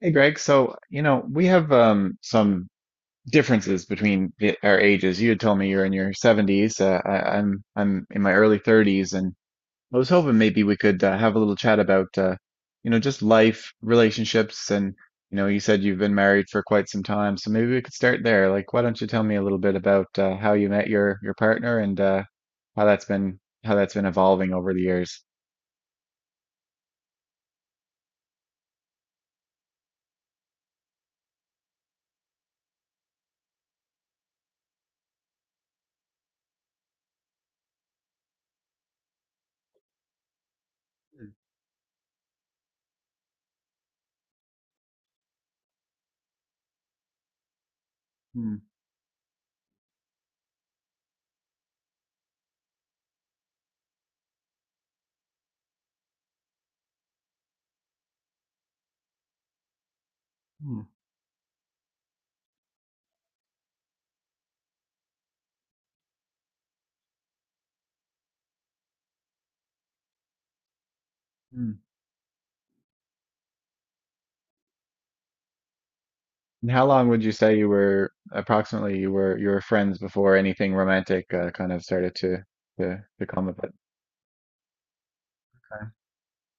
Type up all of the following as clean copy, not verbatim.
Hey Greg, so we have some differences between our ages. You had told me you're in your 70s. I'm in my early 30s, and I was hoping maybe we could have a little chat about just life, relationships, and you said you've been married for quite some time, so maybe we could start there. Like, why don't you tell me a little bit about how you met your partner and how that's been evolving over the years? Mm, mm, mm. And how long would you say you were approximately you were friends before anything romantic kind of started to to come of it?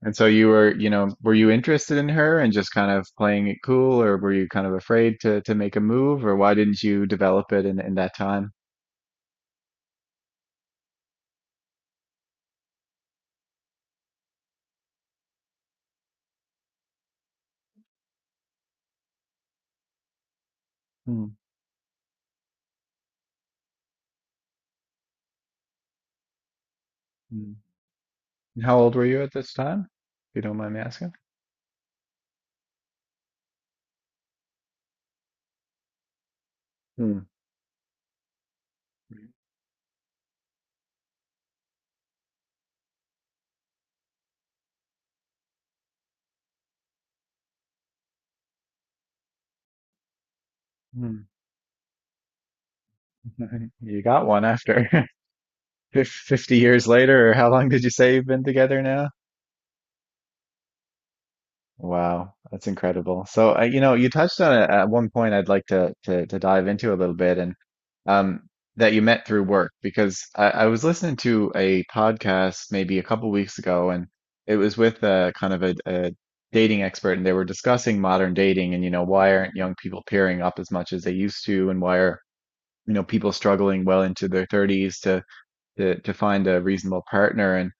And so you were, you know, were you interested in her and just kind of playing it cool, or were you kind of afraid to make a move, or why didn't you develop it in that time? Hmm. Hmm. And how old were you at this time, if you don't mind me asking? Hmm. Hmm. You got one after 50 years later, or how long did you say you've been together now? Wow, that's incredible. So, you know, you touched on it at one point I'd like to dive into a little bit, and um, that you met through work because I was listening to a podcast maybe a couple weeks ago, and it was with a kind of a dating expert, and they were discussing modern dating and you know why aren't young people pairing up as much as they used to, and why are you know people struggling well into their 30s to find a reasonable partner. And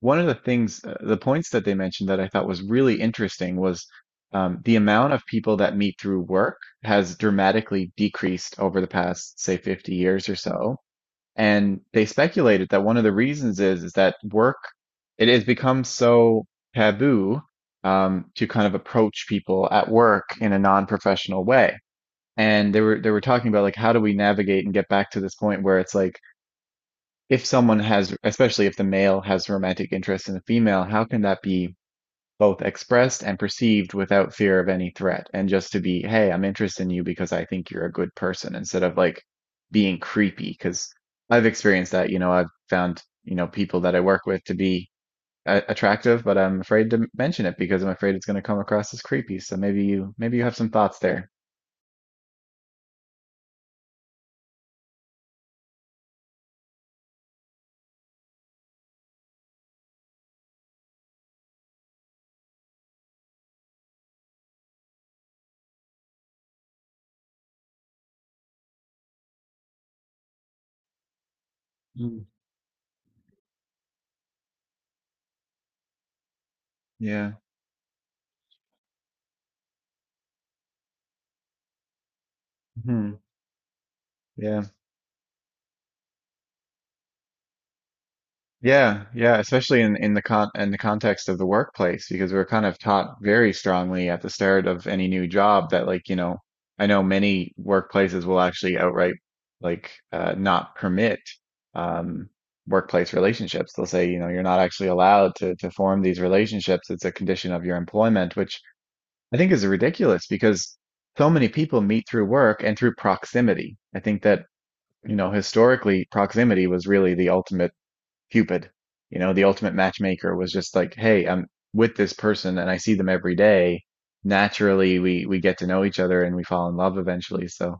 one of the things, the points that they mentioned that I thought was really interesting was the amount of people that meet through work has dramatically decreased over the past, say, 50 years or so. And they speculated that one of the reasons is that work it has become so taboo, to kind of approach people at work in a non-professional way. And they were talking about like how do we navigate and get back to this point where it's like if someone has, especially if the male has romantic interest in the female, how can that be both expressed and perceived without fear of any threat? And just to be, hey, I'm interested in you because I think you're a good person instead of like being creepy. Because I've experienced that, you know, I've found, you know, people that I work with to be attractive, but I'm afraid to mention it because I'm afraid it's going to come across as creepy. So maybe you have some thoughts there. Mm. Yeah. Hmm. Yeah. Yeah, yeah, especially in the context of the workplace, because we're kind of taught very strongly at the start of any new job that like, you know, I know many workplaces will actually outright like not permit, um, workplace relationships. They'll say, you know, you're not actually allowed to form these relationships. It's a condition of your employment, which I think is ridiculous because so many people meet through work and through proximity. I think that, you know, historically, proximity was really the ultimate Cupid, you know, the ultimate matchmaker was just like, hey, I'm with this person and I see them every day. Naturally, we get to know each other and we fall in love eventually. So,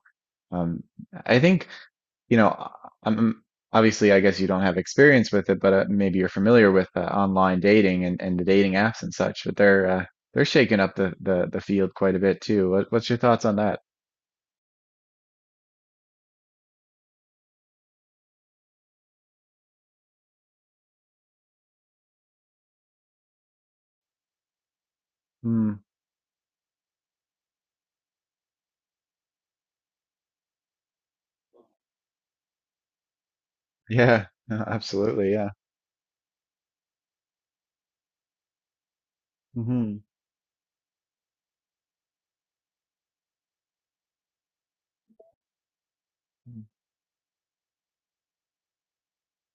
um, I think, you know, I'm obviously, I guess you don't have experience with it, but maybe you're familiar with online dating and the dating apps and such. But they're shaking up the field quite a bit too. What, what's your thoughts on that? Hmm. Yeah, no, absolutely. Yeah. Hmm.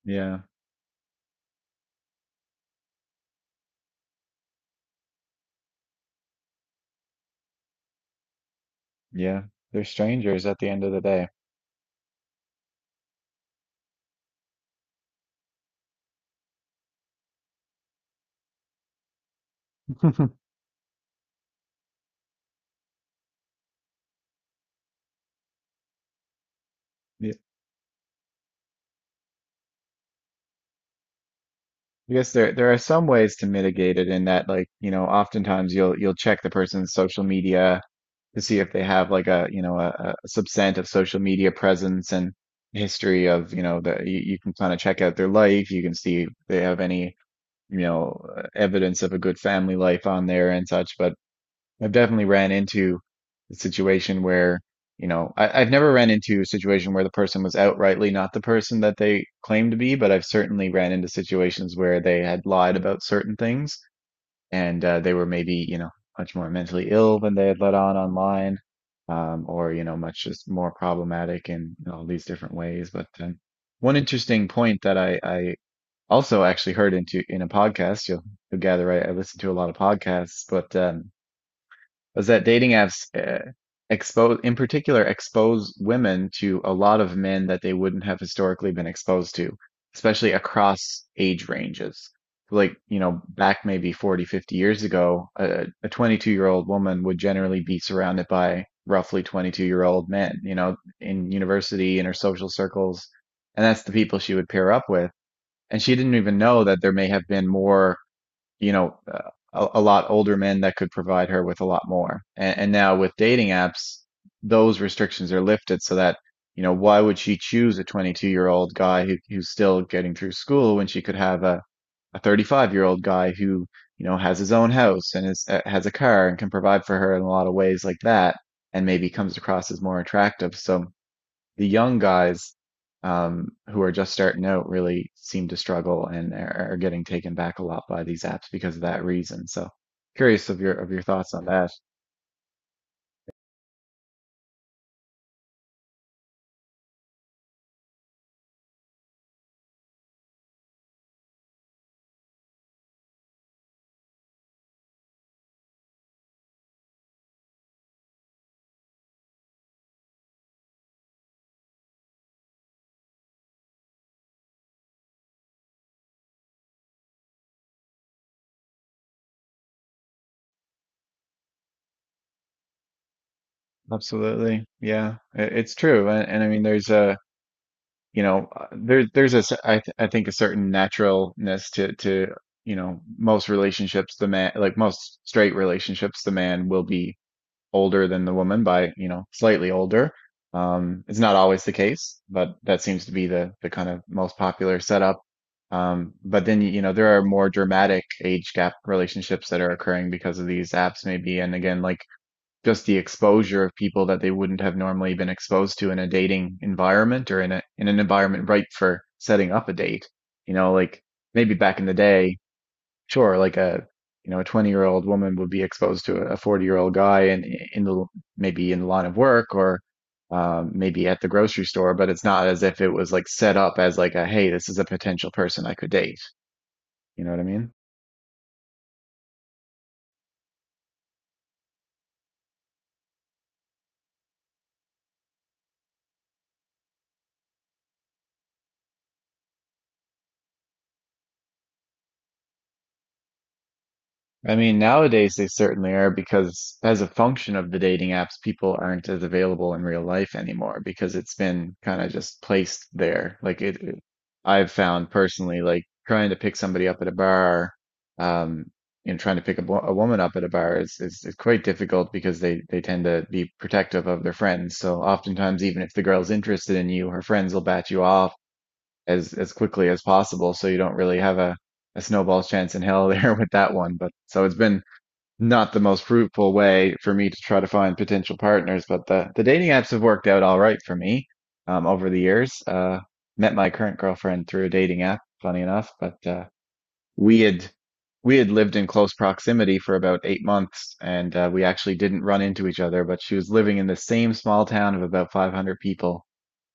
Yeah. Yeah. They're strangers at the end of the day. Yeah. I guess there are some ways to mitigate it in that like, you know, oftentimes you'll check the person's social media to see if they have like a subset of social media presence and history of, you know, you can kind of check out their life, you can see if they have any, you know, evidence of a good family life on there and such, but I've definitely ran into a situation where, you know, I've never ran into a situation where the person was outrightly not the person that they claimed to be, but I've certainly ran into situations where they had lied about certain things and they were maybe, you know, much more mentally ill than they had let on online, or, you know, much just more problematic in, all these different ways. But one interesting point that I also actually heard into in a podcast, you'll gather, I listen to a lot of podcasts, but was that dating apps expose, in particular, expose women to a lot of men that they wouldn't have historically been exposed to, especially across age ranges. Like, you know, back maybe 40, 50 years ago, a 22-year-old woman would generally be surrounded by roughly 22-year-old men, you know, in university, in her social circles. And that's the people she would pair up with. And she didn't even know that there may have been more, you know, a lot older men that could provide her with a lot more. And now with dating apps, those restrictions are lifted so that, you know, why would she choose a 22-year-old guy who's still getting through school when she could have a 35-year-old guy who, you know, has his own house and is, has a car and can provide for her in a lot of ways like that and maybe comes across as more attractive. So the young guys, who are just starting out really seem to struggle and are getting taken back a lot by these apps because of that reason. So curious of your thoughts on that. Absolutely. Yeah, it's true. And I mean, you know, there's a, I think a certain naturalness you know, most relationships, the man, like most straight relationships, the man will be older than the woman by, you know, slightly older. It's not always the case, but that seems to be the kind of most popular setup. But then, you know, there are more dramatic age gap relationships that are occurring because of these apps, maybe. And again, like just the exposure of people that they wouldn't have normally been exposed to in a dating environment or in a in an environment ripe for setting up a date. You know, like maybe back in the day, sure, like a you know a 20-year-old woman would be exposed to a 40-year-old guy in the maybe in the line of work or, maybe at the grocery store, but it's not as if it was like set up as like a hey, this is a potential person I could date. You know what I mean? I mean, nowadays they certainly are because as a function of the dating apps, people aren't as available in real life anymore because it's been kind of just placed there. I've found personally, like trying to pick somebody up at a bar, um, and trying to pick a woman up at a bar is quite difficult because they tend to be protective of their friends. So oftentimes, even if the girl's interested in you, her friends will bat you off as quickly as possible, so you don't really have a snowball's chance in hell there with that one. But so it's been not the most fruitful way for me to try to find potential partners, but the dating apps have worked out all right for me, over the years. Met my current girlfriend through a dating app, funny enough, but we had we had lived in close proximity for about 8 months, and we actually didn't run into each other. But she was living in the same small town of about 500 people.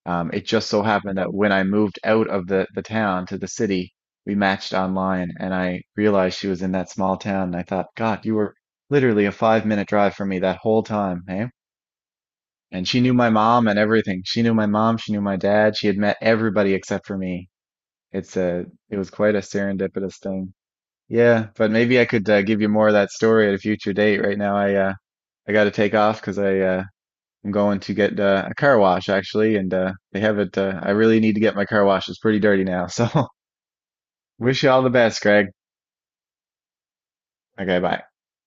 It just so happened that when I moved out of the town to the city, we matched online and I realized she was in that small town. And I thought, God, you were literally a 5 minute drive from me that whole time, eh? And she knew my mom and everything. She knew my mom, she knew my dad, she had met everybody except for me. It was quite a serendipitous thing. Yeah, but maybe I could give you more of that story at a future date. Right now, I got to take off because I'm going to get a car wash actually, and they have it. I really need to get my car wash. It's pretty dirty now. So wish you all the best, Greg. Okay, bye.